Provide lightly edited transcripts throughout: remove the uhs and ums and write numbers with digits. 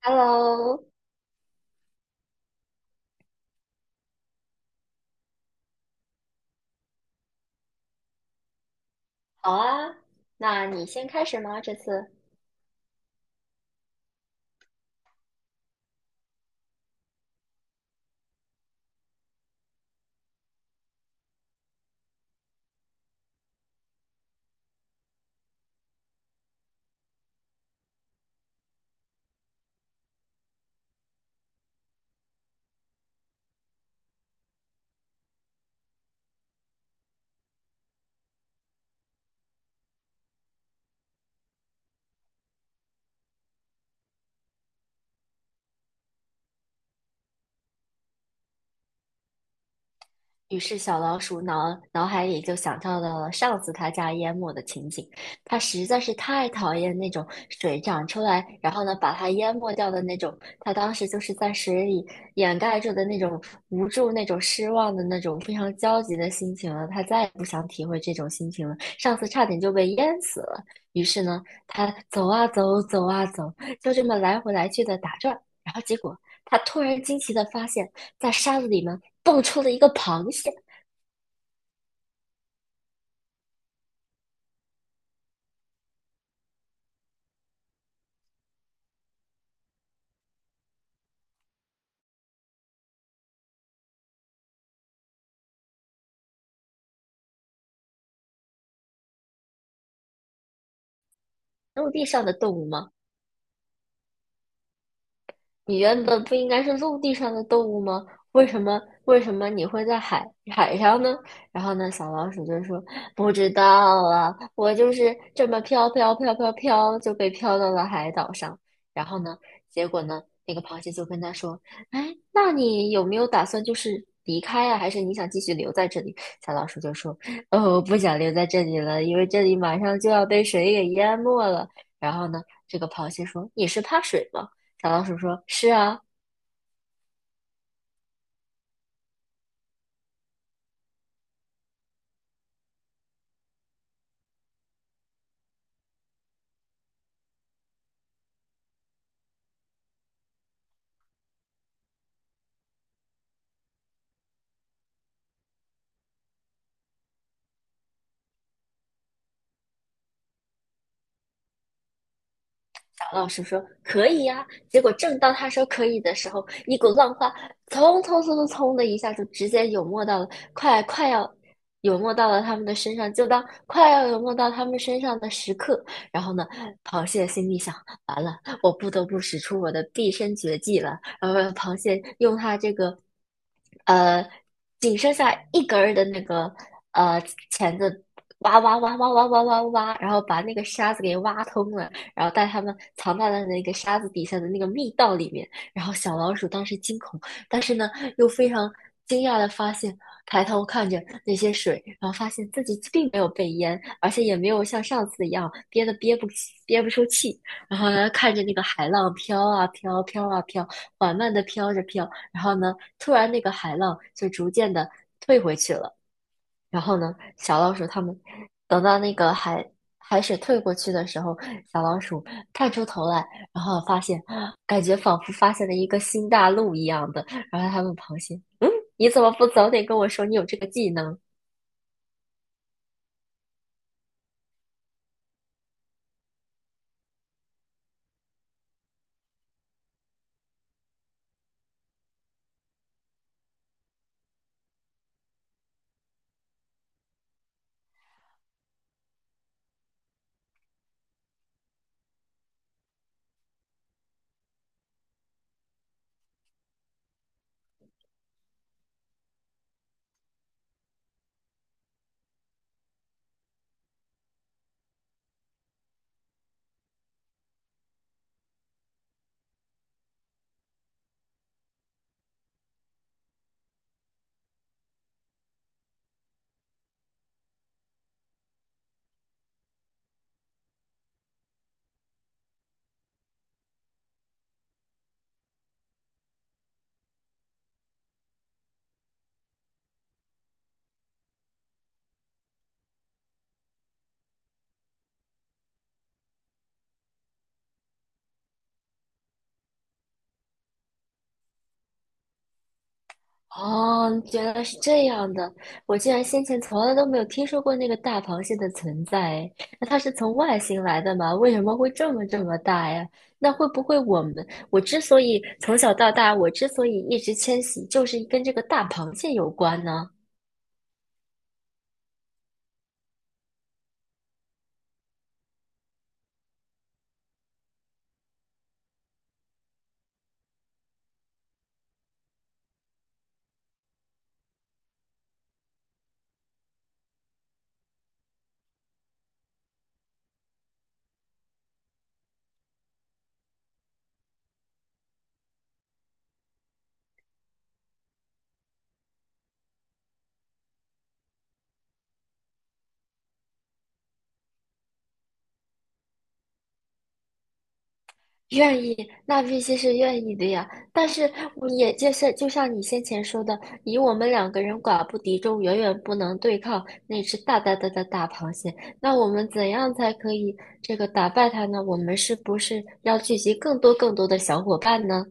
Hello，好啊，那你先开始吗？这次，于是，小老鼠脑海里就想到了上次他家淹没的情景。他实在是太讨厌那种水涨出来，然后呢把它淹没掉的那种。他当时就是在水里掩盖住的那种无助、那种失望的那种非常焦急的心情了。他再也不想体会这种心情了。上次差点就被淹死了。于是呢，他走啊走，走啊走，就这么来回来去的打转。然后结果，他突然惊奇的发现，在沙子里面蹦出了一个螃蟹，陆地上的动物吗？你原本不应该是陆地上的动物吗？为什么你会在海上呢？然后呢，小老鼠就说不知道啊，我就是这么飘飘飘飘飘就被飘到了海岛上。然后呢，结果呢，那个螃蟹就跟他说，哎，那你有没有打算就是离开啊？还是你想继续留在这里？小老鼠就说，哦，我不想留在这里了，因为这里马上就要被水给淹没了。然后呢，这个螃蟹说，你是怕水吗？小老鼠说：“是啊，老师说可以呀、啊结果正当他说可以的时候，一股浪花冲冲冲冲冲的一下就直接涌没到了，快要涌没到了他们的身上，就当快要涌没到他们身上的时刻，然后呢，螃蟹心里想：完了，我不得不使出我的毕生绝技了。然后螃蟹用它这个呃仅剩下一根儿的那个呃钳子。挖挖挖挖挖挖挖挖，然后把那个沙子给挖通了，然后带他们藏在了那个沙子底下的那个密道里面。然后小老鼠当时惊恐，但是呢又非常惊讶的发现，抬头看着那些水，然后发现自己并没有被淹，而且也没有像上次一样憋得憋不出气。然后呢，看着那个海浪飘啊飘，飘啊飘，缓慢的飘着飘。然后呢，突然那个海浪就逐渐的退回去了。然后呢，小老鼠它们等到那个海水退过去的时候，小老鼠探出头来，然后发现，感觉仿佛发现了一个新大陆一样的。然后它问螃蟹：“你怎么不早点跟我说你有这个技能啊？”哦，原来是这样的，我竟然先前从来都没有听说过那个大螃蟹的存在。那它是从外星来的吗？为什么会这么这么大呀？那会不会我们，我之所以从小到大，我之所以一直迁徙，就是跟这个大螃蟹有关呢？愿意，那必须是愿意的呀。但是我也就是就像你先前说的，以我们两个人寡不敌众，远远不能对抗那只大大大的大螃蟹。那我们怎样才可以这个打败它呢？我们是不是要聚集更多更多的小伙伴呢？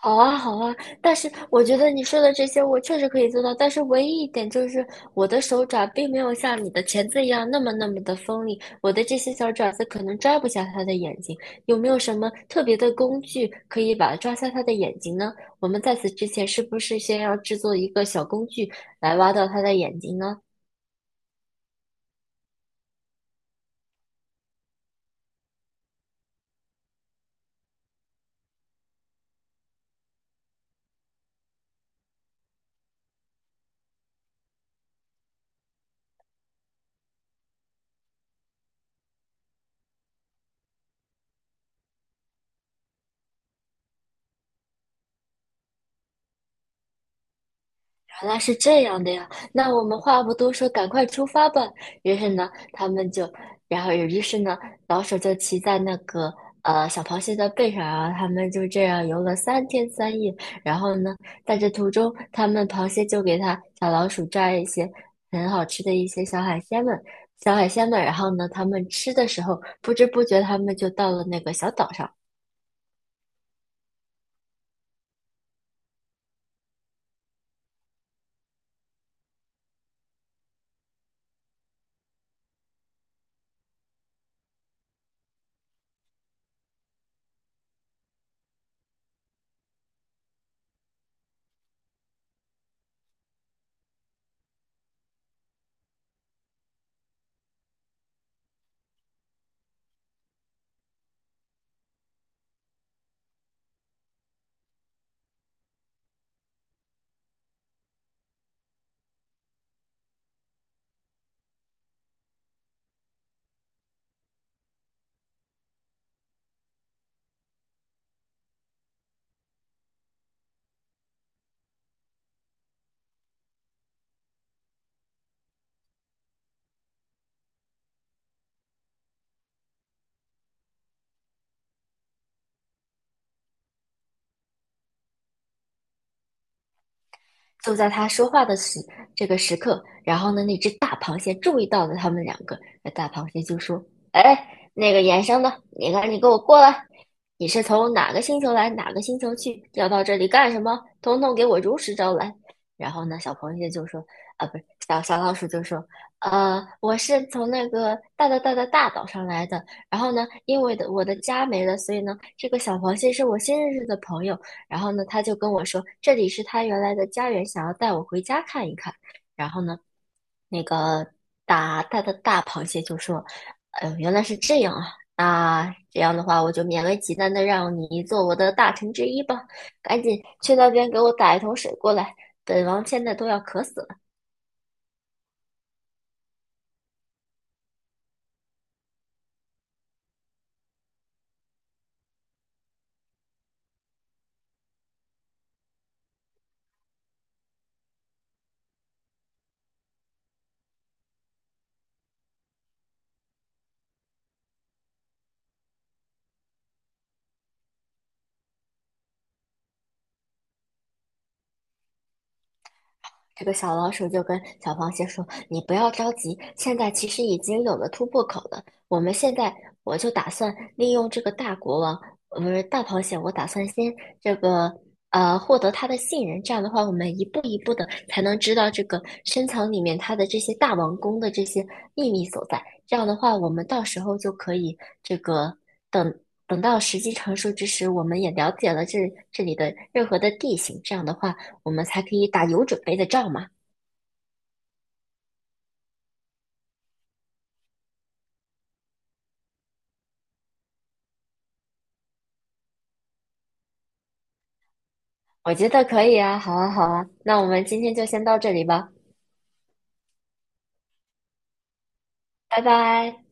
好啊，好啊，但是我觉得你说的这些我确实可以做到，但是唯一一点就是我的手爪并没有像你的钳子一样那么那么的锋利，我的这些小爪子可能抓不下它的眼睛。有没有什么特别的工具可以把抓下它的眼睛呢？我们在此之前是不是先要制作一个小工具来挖到它的眼睛呢？原来是这样的呀，那我们话不多说，赶快出发吧。于是呢，他们就，然后于是呢，老鼠就骑在那个小螃蟹的背上啊，然后他们就这样游了三天三夜。然后呢，在这途中，他们螃蟹就给它小老鼠抓一些很好吃的一些小海鲜们，小海鲜们。然后呢，他们吃的时候，不知不觉他们就到了那个小岛上。就在他说话的这个时刻，然后呢，那只大螃蟹注意到了他们两个，那大螃蟹就说：“哎，那个衍生的，你赶紧给我过来！你是从哪个星球来，哪个星球去，要到这里干什么？统统给我如实招来。”然后呢，小螃蟹就说：“啊，不是，小老鼠就说，呃，我是从那个大大大大大岛上来的。然后呢，因为的我的家没了，所以呢，这个小螃蟹是我新认识的朋友。然后呢，他就跟我说，这里是他原来的家园，想要带我回家看一看。然后呢，那个大大的大螃蟹就说：“哎呦，原来是这样啊！那这样的话，我就勉为其难的让你做我的大臣之一吧。赶紧去那边给我打一桶水过来，本王现在都要渴死了。”这个小老鼠就跟小螃蟹说：“你不要着急，现在其实已经有了突破口了。我们现在我就打算利用这个大国王，不是大螃蟹，我打算先这个获得他的信任。这样的话，我们一步一步的才能知道这个深藏里面它的这些大王宫的这些秘密所在。这样的话，我们到时候就可以这个等。”等到时机成熟之时，我们也了解了这里的任何的地形。这样的话，我们才可以打有准备的仗嘛。我觉得可以啊，好啊，好啊，那我们今天就先到这里吧，拜拜。